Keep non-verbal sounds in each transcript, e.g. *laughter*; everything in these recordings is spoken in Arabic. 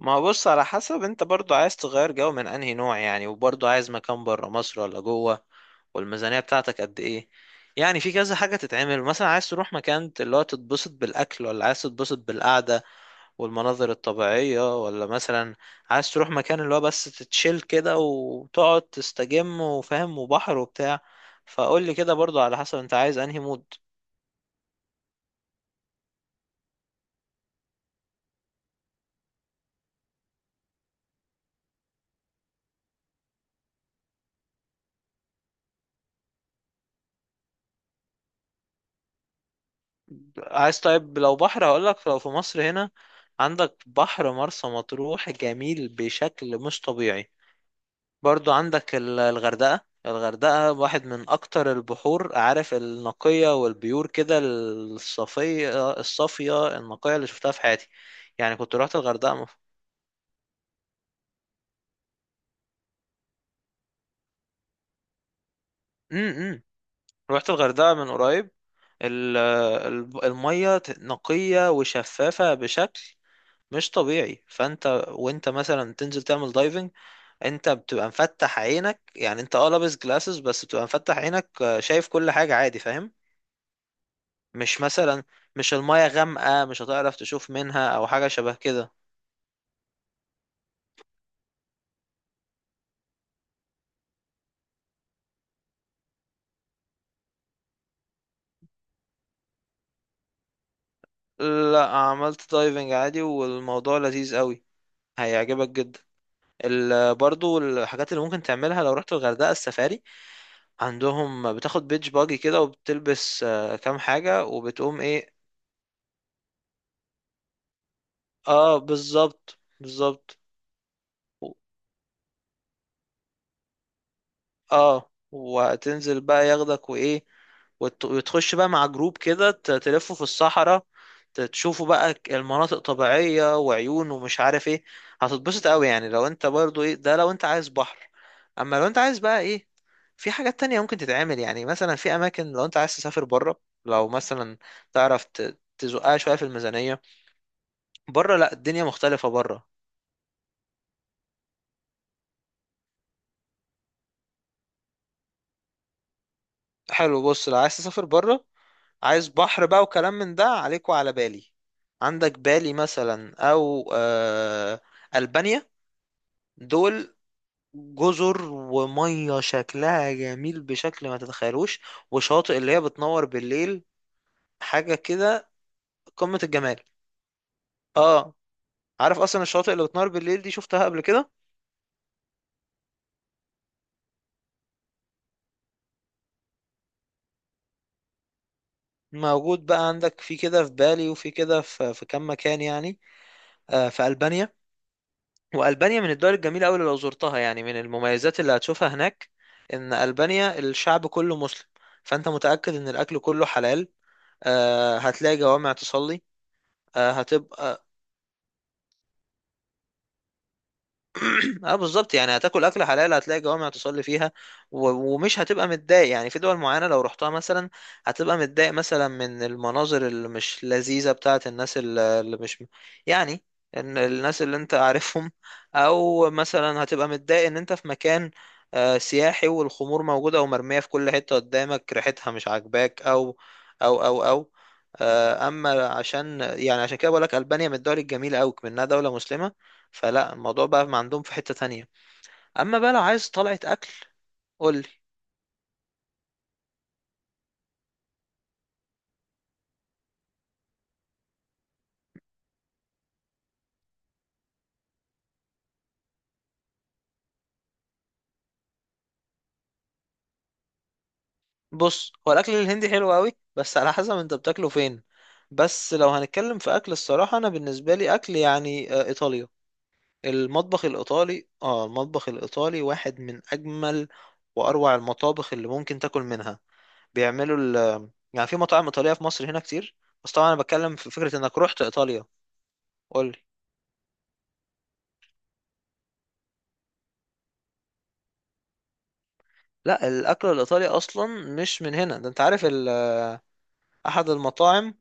ما هو بص، على حسب انت برضو عايز تغير جو من انهي نوع يعني. وبرضو عايز مكان بره مصر ولا جوه؟ والميزانية بتاعتك قد ايه؟ يعني في كذا حاجة تتعمل، مثلا عايز تروح مكان اللي هو تتبسط بالأكل، ولا عايز تتبسط بالقعدة والمناظر الطبيعية، ولا مثلا عايز تروح مكان اللي هو بس تتشيل كده وتقعد تستجم وفاهم، وبحر وبتاع. فقول لي كده برضو على حسب انت عايز انهي مود. عايز طيب، لو بحر هقولك، لو في مصر هنا عندك بحر مرسى مطروح جميل بشكل مش طبيعي. برضو عندك الغردقة. الغردقة واحد من أكتر البحور، عارف، النقية والبيور كده، الصفية الصافية النقية اللي شفتها في حياتي. يعني كنت روحت امم روحت الغردقة من قريب. المية نقية وشفافة بشكل مش طبيعي. فانت وانت مثلا تنزل تعمل دايفنج، انت بتبقى مفتح عينك، يعني انت اه لابس جلاسز بس بتبقى مفتح عينك، شايف كل حاجة عادي، فاهم؟ مش مثلا، مش المية غامقة مش هتعرف تشوف منها او حاجة شبه كده. لا، عملت دايفنج عادي والموضوع لذيذ قوي، هيعجبك جدا. ال برضو الحاجات اللي ممكن تعملها لو رحت الغردقة، السفاري عندهم، بتاخد بيتش باجي كده وبتلبس كام حاجة، وبتقوم ايه. اه بالظبط بالظبط. اه وتنزل بقى ياخدك وايه، وتخش بقى مع جروب كده، تلفوا في الصحراء، تشوفوا بقى المناطق طبيعية وعيون ومش عارف ايه. هتتبسط قوي يعني، لو انت برضو ايه ده، لو انت عايز بحر. اما لو انت عايز بقى ايه، في حاجات تانية ممكن تتعمل، يعني مثلا في اماكن لو انت عايز تسافر بره، لو مثلا تعرف تزقها شوية في الميزانية بره، لا الدنيا مختلفة بره. حلو، بص لو عايز تسافر بره، عايز بحر بقى وكلام من ده، عليك وعلى بالي عندك بالي مثلا، او البانيا. دول جزر وميه شكلها جميل بشكل ما تتخيلوش، وشاطئ اللي هي بتنور بالليل، حاجه كده. قمه الجمال. اه. عارف اصلا الشاطئ اللي بتنور بالليل دي شفتها قبل كده. موجود بقى عندك في كده، في بالي، وفي كده في كام مكان يعني. آه، في البانيا. والبانيا من الدول الجميله قوي اللي لو زرتها، يعني من المميزات اللي هتشوفها هناك ان البانيا الشعب كله مسلم. فانت متاكد ان الاكل كله حلال، هتلاقي جوامع تصلي. هتبقى *clears throat* اه بالظبط، يعني هتاكل اكل حلال، هتلاقي جوامع تصلي فيها، و- ومش هتبقى متضايق. يعني في دول معينه لو رحتها مثلا هتبقى متضايق مثلا من المناظر اللي مش لذيذه بتاعه الناس اللي مش يعني، ان الناس اللي انت عارفهم *laughs* او مثلا هتبقى متضايق ان انت في مكان سياحي، والخمور موجوده ومرميه في كل حته قدامك ريحتها مش عاجباك، او. اما عشان يعني عشان كده بقول لك البانيا من الدول الجميله قوي، منها دوله مسلمه، فلا الموضوع بقى ما عندهم في حتة تانية. اما بقى لو عايز طلعة اكل قول لي، بص هو الاكل الهندي حلو قوي بس على حسب انت بتاكله فين. بس لو هنتكلم في اكل، الصراحة انا بالنسبة لي اكل يعني ايطاليا. المطبخ الايطالي، اه المطبخ الايطالي واحد من اجمل واروع المطابخ اللي ممكن تاكل منها. بيعملوا ال يعني، في مطاعم ايطالية في مصر هنا كتير، بس طبعا انا بتكلم في فكرة انك رحت ايطاليا. قول لي. لا الاكل الايطالي اصلا مش من هنا. ده انت عارف احد المطاعم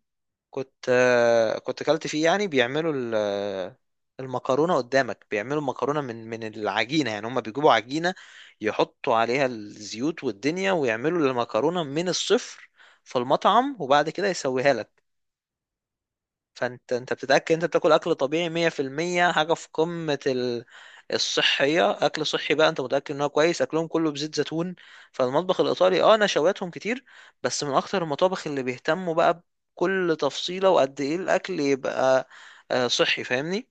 كنت كنت اكلت فيه، يعني بيعملوا المكرونه قدامك، بيعملوا المكرونه من العجينه. يعني هم بيجيبوا عجينه، يحطوا عليها الزيوت والدنيا، ويعملوا المكرونه من الصفر في المطعم، وبعد كده يسويها لك. فانت، انت بتتاكد انت بتاكل اكل طبيعي 100%، حاجه في قمه الصحيه. اكل صحي بقى، انت متاكد ان هو كويس، اكلهم كله بزيت زيتون. فالمطبخ الايطالي اه نشواتهم كتير، بس من اكتر المطابخ اللي بيهتموا بقى بكل تفصيله، وقد ايه الاكل يبقى صحي، فاهمني.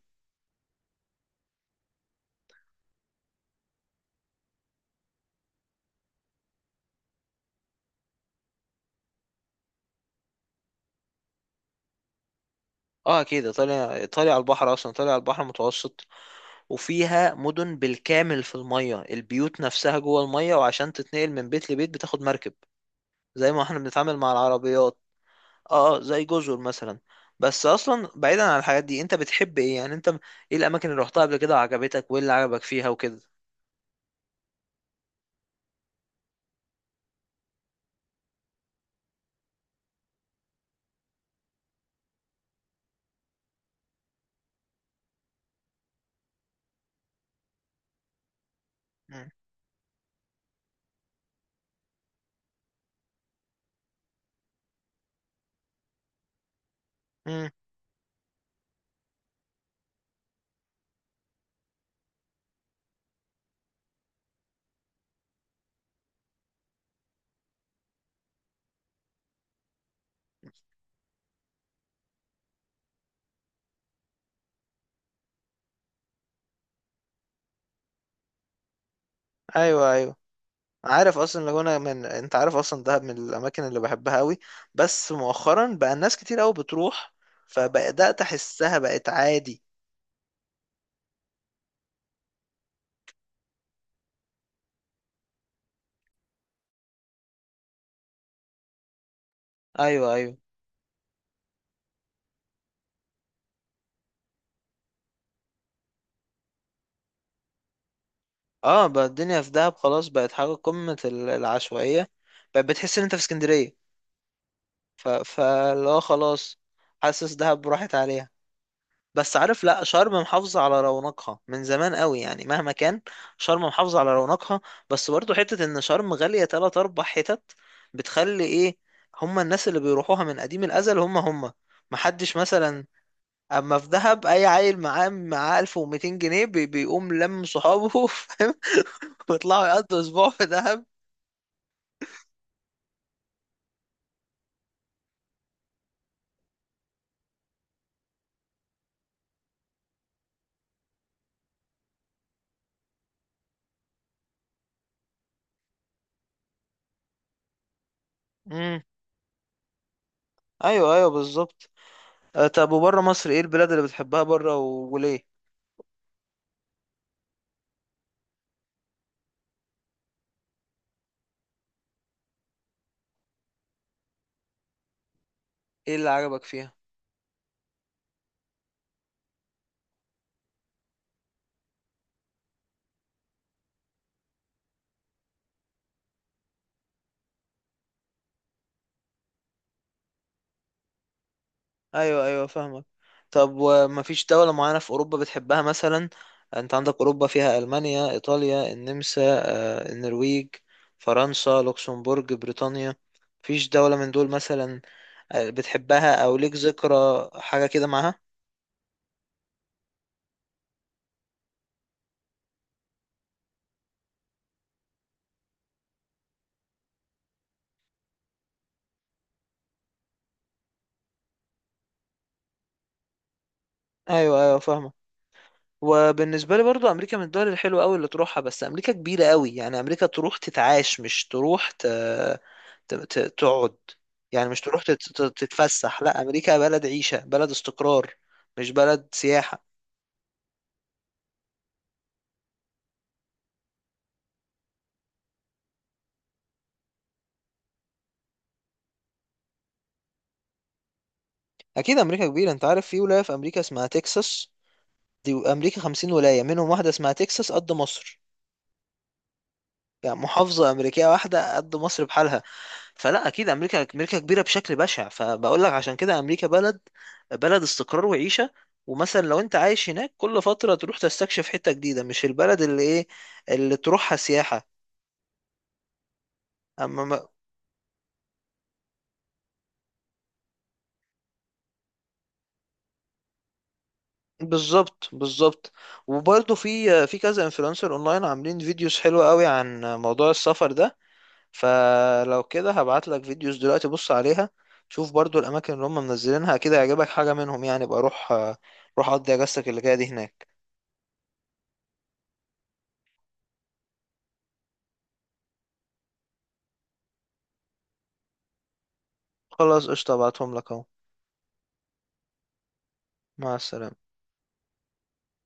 اه اكيد، ايطاليا، ايطاليا على البحر اصلا، ايطاليا على البحر المتوسط. وفيها مدن بالكامل في الميه، البيوت نفسها جوه الميه، وعشان تتنقل من بيت لبيت بتاخد مركب، زي ما احنا بنتعامل مع العربيات. اه زي جزر مثلا. بس اصلا بعيدا عن الحاجات دي، انت بتحب ايه يعني؟ ايه الاماكن اللي رحتها قبل كده وعجبتك، وايه اللي عجبك فيها وكده؟ مم. مم. ايوه ايوه. عارف اصلا لاجونا، من، انت عارف اصلا دهب من الاماكن اللي بحبها قوي، بس مؤخرا بقى الناس كتير قوي بتروح، فبدات احسها بقت عادي. ايوه ايوه. اه بقى الدنيا في دهب خلاص، بقت حاجه قمه العشوائيه. بقت بتحس ان انت في اسكندريه. فاللي هو خلاص، حاسس دهب راحت عليها. بس عارف، لا شرم محافظة على رونقها من زمان قوي، يعني مهما كان شرم محافظة على رونقها. بس برضو حتة ان شرم غالية تلات اربع حتت، بتخلي ايه، هما الناس اللي بيروحوها من قديم الازل هما هما، محدش مثلا. اما في دهب اي عيل معاه 1200 جنيه بي بيقوم لم صحابه *laughs* فاهم، ويطلعوا يقضوا اسبوع في دهب. امم. ايوه ايوه بالظبط. طب وبره مصر، ايه البلاد اللي بتحبها بره وليه؟ ايه اللي عجبك فيها؟ ايوه ايوه فاهمك. طب ومفيش دولة معينة في اوروبا بتحبها مثلا؟ انت عندك اوروبا فيها المانيا، ايطاليا، النمسا، النرويج، فرنسا، لوكسمبورج، بريطانيا. مفيش دولة من دول مثلا بتحبها، او ليك ذكرى حاجة كده معاها؟ ايوه ايوه فاهمك. وبالنسبة لي برضو أمريكا من الدول الحلوة أوي اللي تروحها، بس أمريكا كبيرة أوي. يعني أمريكا تروح تتعاش، مش تروح تقعد. يعني مش تروح تتفسح. لا أمريكا بلد عيشة، بلد استقرار، مش بلد سياحة. أكيد أمريكا كبيرة. أنت عارف في ولاية في أمريكا اسمها تكساس، دي أمريكا 50 ولاية، منهم واحدة اسمها تكساس قد مصر. يعني محافظة أمريكية واحدة قد مصر بحالها. فلا أكيد أمريكا، أمريكا كبيرة بشكل بشع، فبقول لك عشان كده أمريكا بلد، بلد استقرار وعيشة. ومثلا لو أنت عايش هناك كل فترة تروح تستكشف حتة جديدة، مش البلد اللي إيه، اللي تروحها سياحة. أما ما، بالظبط بالظبط. وبرضه في كذا انفلونسر اونلاين عاملين فيديوز حلوة قوي عن موضوع السفر ده. فلو كده هبعت لك فيديوز دلوقتي، بص عليها، شوف برضو الاماكن اللي هم منزلينها كده، يعجبك حاجه منهم، يعني بقى روح، روح اقضي اجازتك اللي جايه دي هناك. خلاص قشطه، هبعتهم لك اهو. مع السلامه.